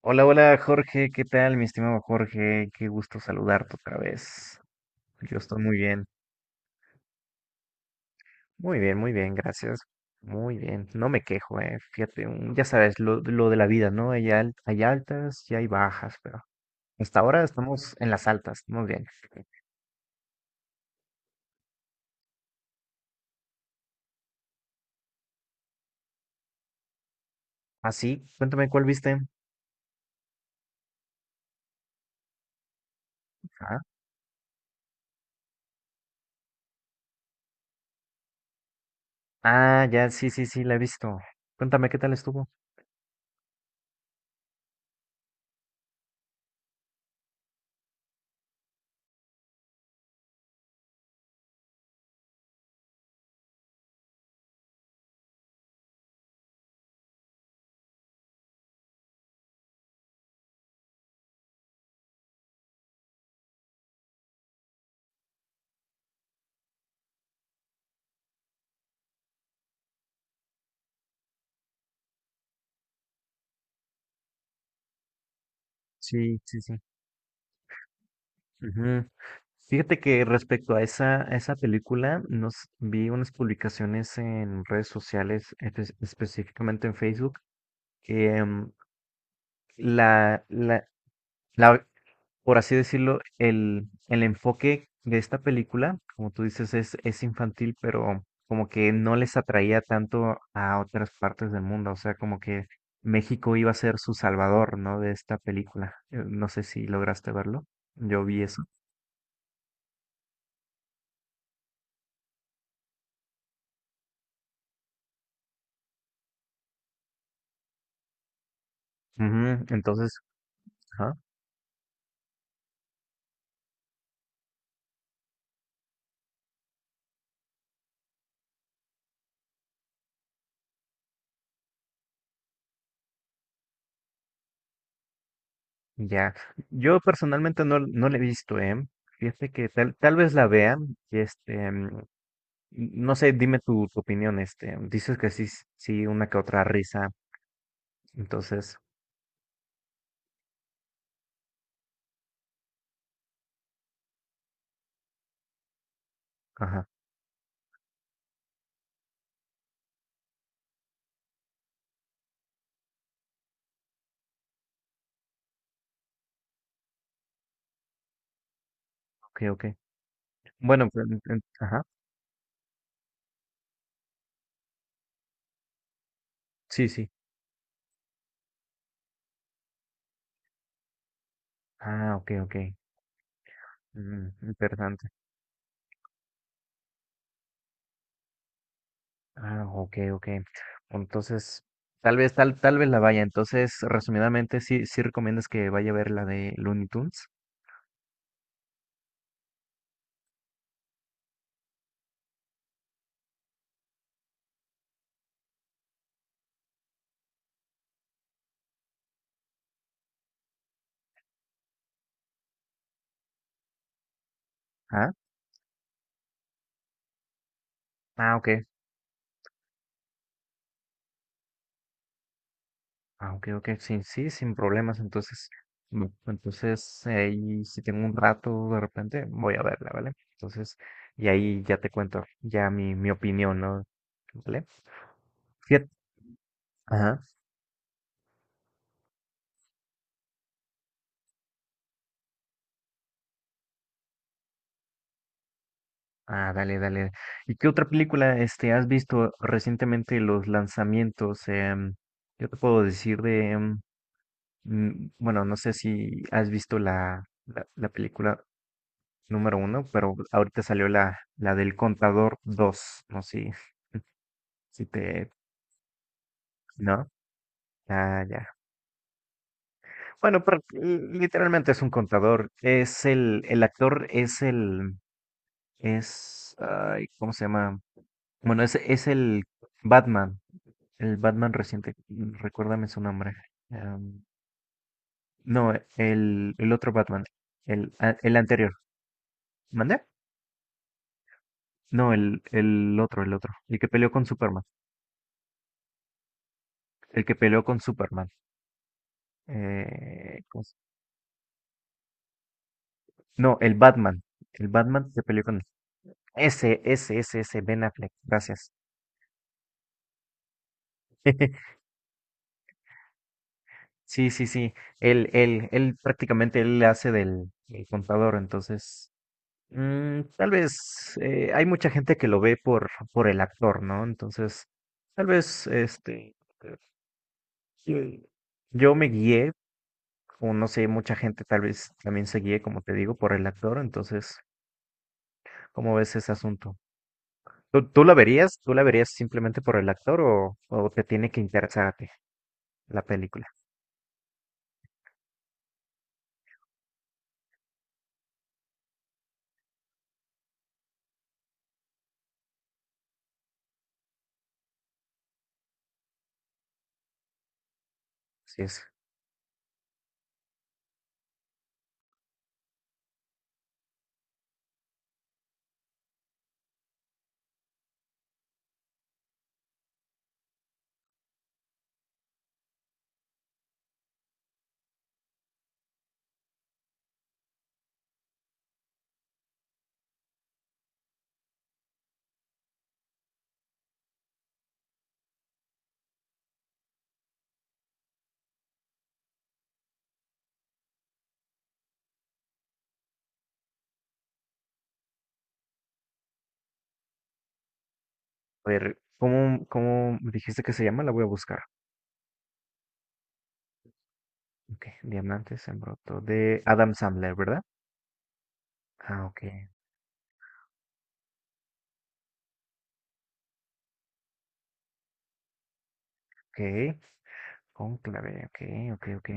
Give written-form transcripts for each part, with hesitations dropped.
Hola, hola Jorge, ¿qué tal, mi estimado Jorge? Qué gusto saludarte otra vez. Yo estoy muy bien, muy bien, gracias. Muy bien, no me quejo, Fíjate, ya sabes, lo de la vida, ¿no? Hay altas y hay bajas, pero hasta ahora estamos en las altas, muy bien. Así, cuéntame cuál viste. Ah, ah, ya, sí, sí, sí, la he visto. Cuéntame qué tal estuvo. Sí, sí, sí. Ujú. Fíjate que respecto a a esa película, nos vi unas publicaciones en redes sociales, específicamente en Facebook, que la, la, la- por así decirlo, el enfoque de esta película, como tú dices, es infantil, pero como que no les atraía tanto a otras partes del mundo. O sea, como que México iba a ser su salvador, ¿no? De esta película. No sé si lograste verlo. Yo vi eso. Ujú. Entonces, ajá, ya. Yo personalmente no la he visto, ¿eh? Fíjate que tal vez la vea y este, no sé, dime tu opinión, este, dices que sí, sí, una que otra risa, entonces, ajá, ok, ok. Bueno, pues, ajá, sí, sí. Ah, ok, ok. Mm, interesante. Ah, ok, ok. Entonces, tal vez la vaya. Entonces, resumidamente, sí recomiendas que vaya a ver la de Looney Tunes. Ah, ah, ok. Ah, ok, ok, sí, sí, sin problemas. Entonces, entonces ahí si tengo un rato de repente, voy a verla, ¿vale? Entonces, y ahí ya te cuento ya mi opinión, ¿no? ¿Vale? Fíjate. Ajá. Ah, dale, dale. ¿Y qué otra película este has visto recientemente los lanzamientos? Yo te puedo decir de, bueno, no sé si has visto la película número uno, pero ahorita salió la del Contador dos. No sé si si te, ¿No? Ah, ya. Bueno, pero literalmente es un contador. Es el actor es el, es, ay, ¿cómo se llama? Bueno, es Batman, el Batman reciente, recuérdame su nombre. Am, no, el otro Batman, el anterior. ¿Mandé? No, el otro, el que peleó con Superman, el que peleó con Superman. Eh, ¿cómo se- No, el Batman que peleó con... ese, Ben Affleck, gracias. Sí, sí, sí. Él prácticamente él le hace del contador, entonces tal vez hay mucha gente que lo ve por el actor, ¿no? Entonces, tal vez eh, yo yo me guié, o no sé, mucha gente tal vez también se guíe, como te digo, por el actor, entonces, ¿cómo ves ese asunto? ¿Tú la verías? ¿Tú la verías simplemente por el actor o te tiene que interesarte la película? Sí. A ver, ¿cómo me dijiste que se llama? La voy a buscar. Ok, Diamantes en Bruto de Adam Sandler, ¿verdad? Ah, ok, ok. Cónclave, ok, ok, ok.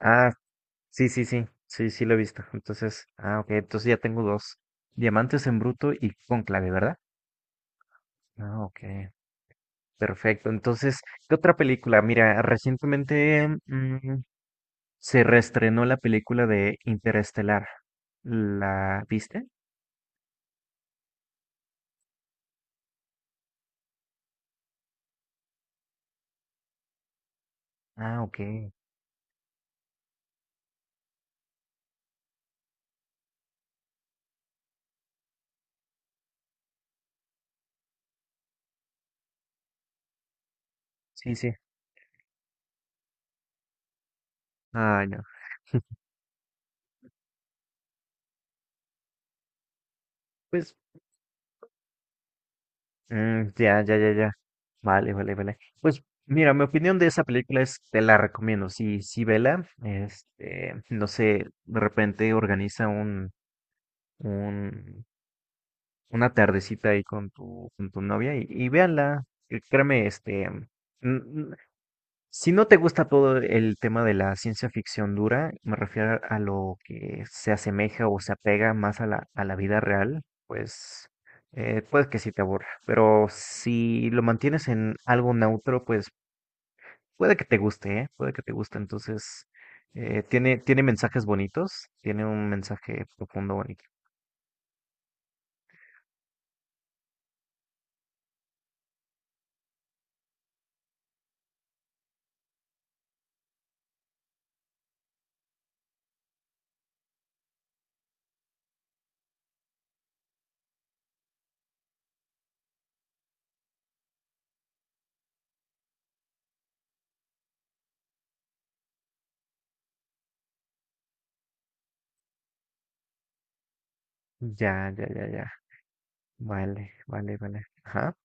Ah, sí, sí, sí, sí, sí lo he visto. Entonces, ah, ok, entonces ya tengo dos. Diamantes en Bruto y Cónclave, ¿verdad? Ah, ok, perfecto. Entonces, ¿qué otra película? Mira, recientemente se reestrenó la película de Interestelar. ¿La viste? Ah, ok, sí, sí. Ah, no. Pues, mm, ya, ya, ya, ya. Vale, vale, vale. Pues, mira, mi opinión de esa película es, te la recomiendo. Sí, sí, vela. Este, no sé, de repente organiza un, una tardecita ahí con con tu novia y véanla. Que Créeme, n- si no te gusta todo el tema de la ciencia ficción dura, me refiero a lo que se asemeja o se apega más a a la vida real, pues puede que sí te aburra. Pero si lo mantienes en algo neutro, pues puede que te guste, ¿eh? Puede que te guste. Entonces, tiene mensajes bonitos, tiene un mensaje profundo bonito. Ya, ya, ya, ya. Vale, vale, vale. Ajá.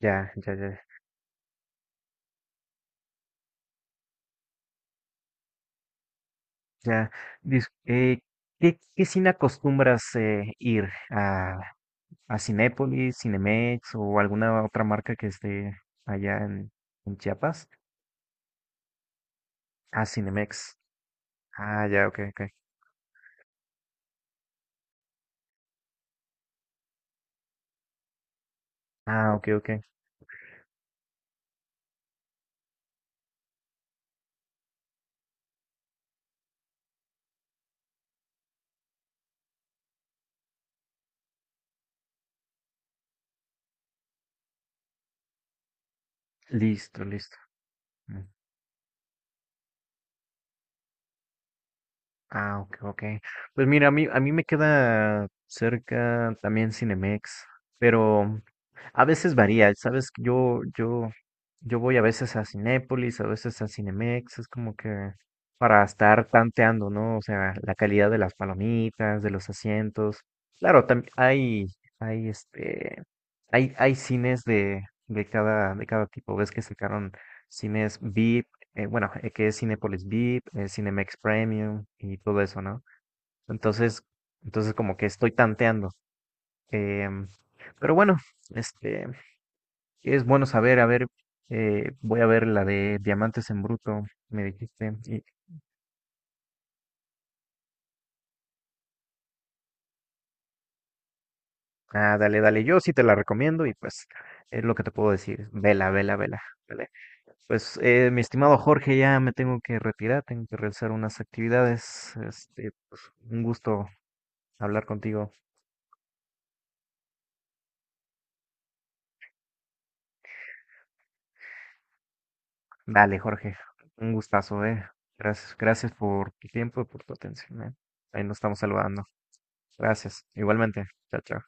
Ya, ya, ya. Ya, dis- eh, ¿qué cine acostumbras ir a Cinépolis, Cinemex o alguna otra marca que esté allá en Chiapas? Ah, Cinemex. Ah, ya, ok, ok. Ah, ok, ok. Listo, listo. Mm. Ah, ok, ok. Pues mira, a mí me queda cerca también Cinemex, pero a veces varía, ¿sabes? Yo voy a veces a Cinépolis, a veces a Cinemex, es como que para estar tanteando, ¿no? O sea, la calidad de las palomitas, de los asientos. Claro, hay este, hay cines de, de cada tipo. Ves que sacaron cines VIP bueno, que es Cinepolis VIP, Cinemex Premium y todo eso, ¿no? Entonces, entonces como que estoy tanteando. em, pero bueno, este, es bueno saber, a ver, voy a ver la de Diamantes en Bruto, me dijiste. Y, ah, dale, dale, yo sí te la recomiendo y pues es lo que te puedo decir. Vela. Pues mi estimado Jorge, ya me tengo que retirar, tengo que realizar unas actividades. Este, pues, un gusto hablar contigo. Dale, Jorge, un gustazo, eh. Gracias, gracias por tu tiempo y por tu atención, eh. Ahí nos estamos saludando. Gracias. Igualmente. Chao, chao.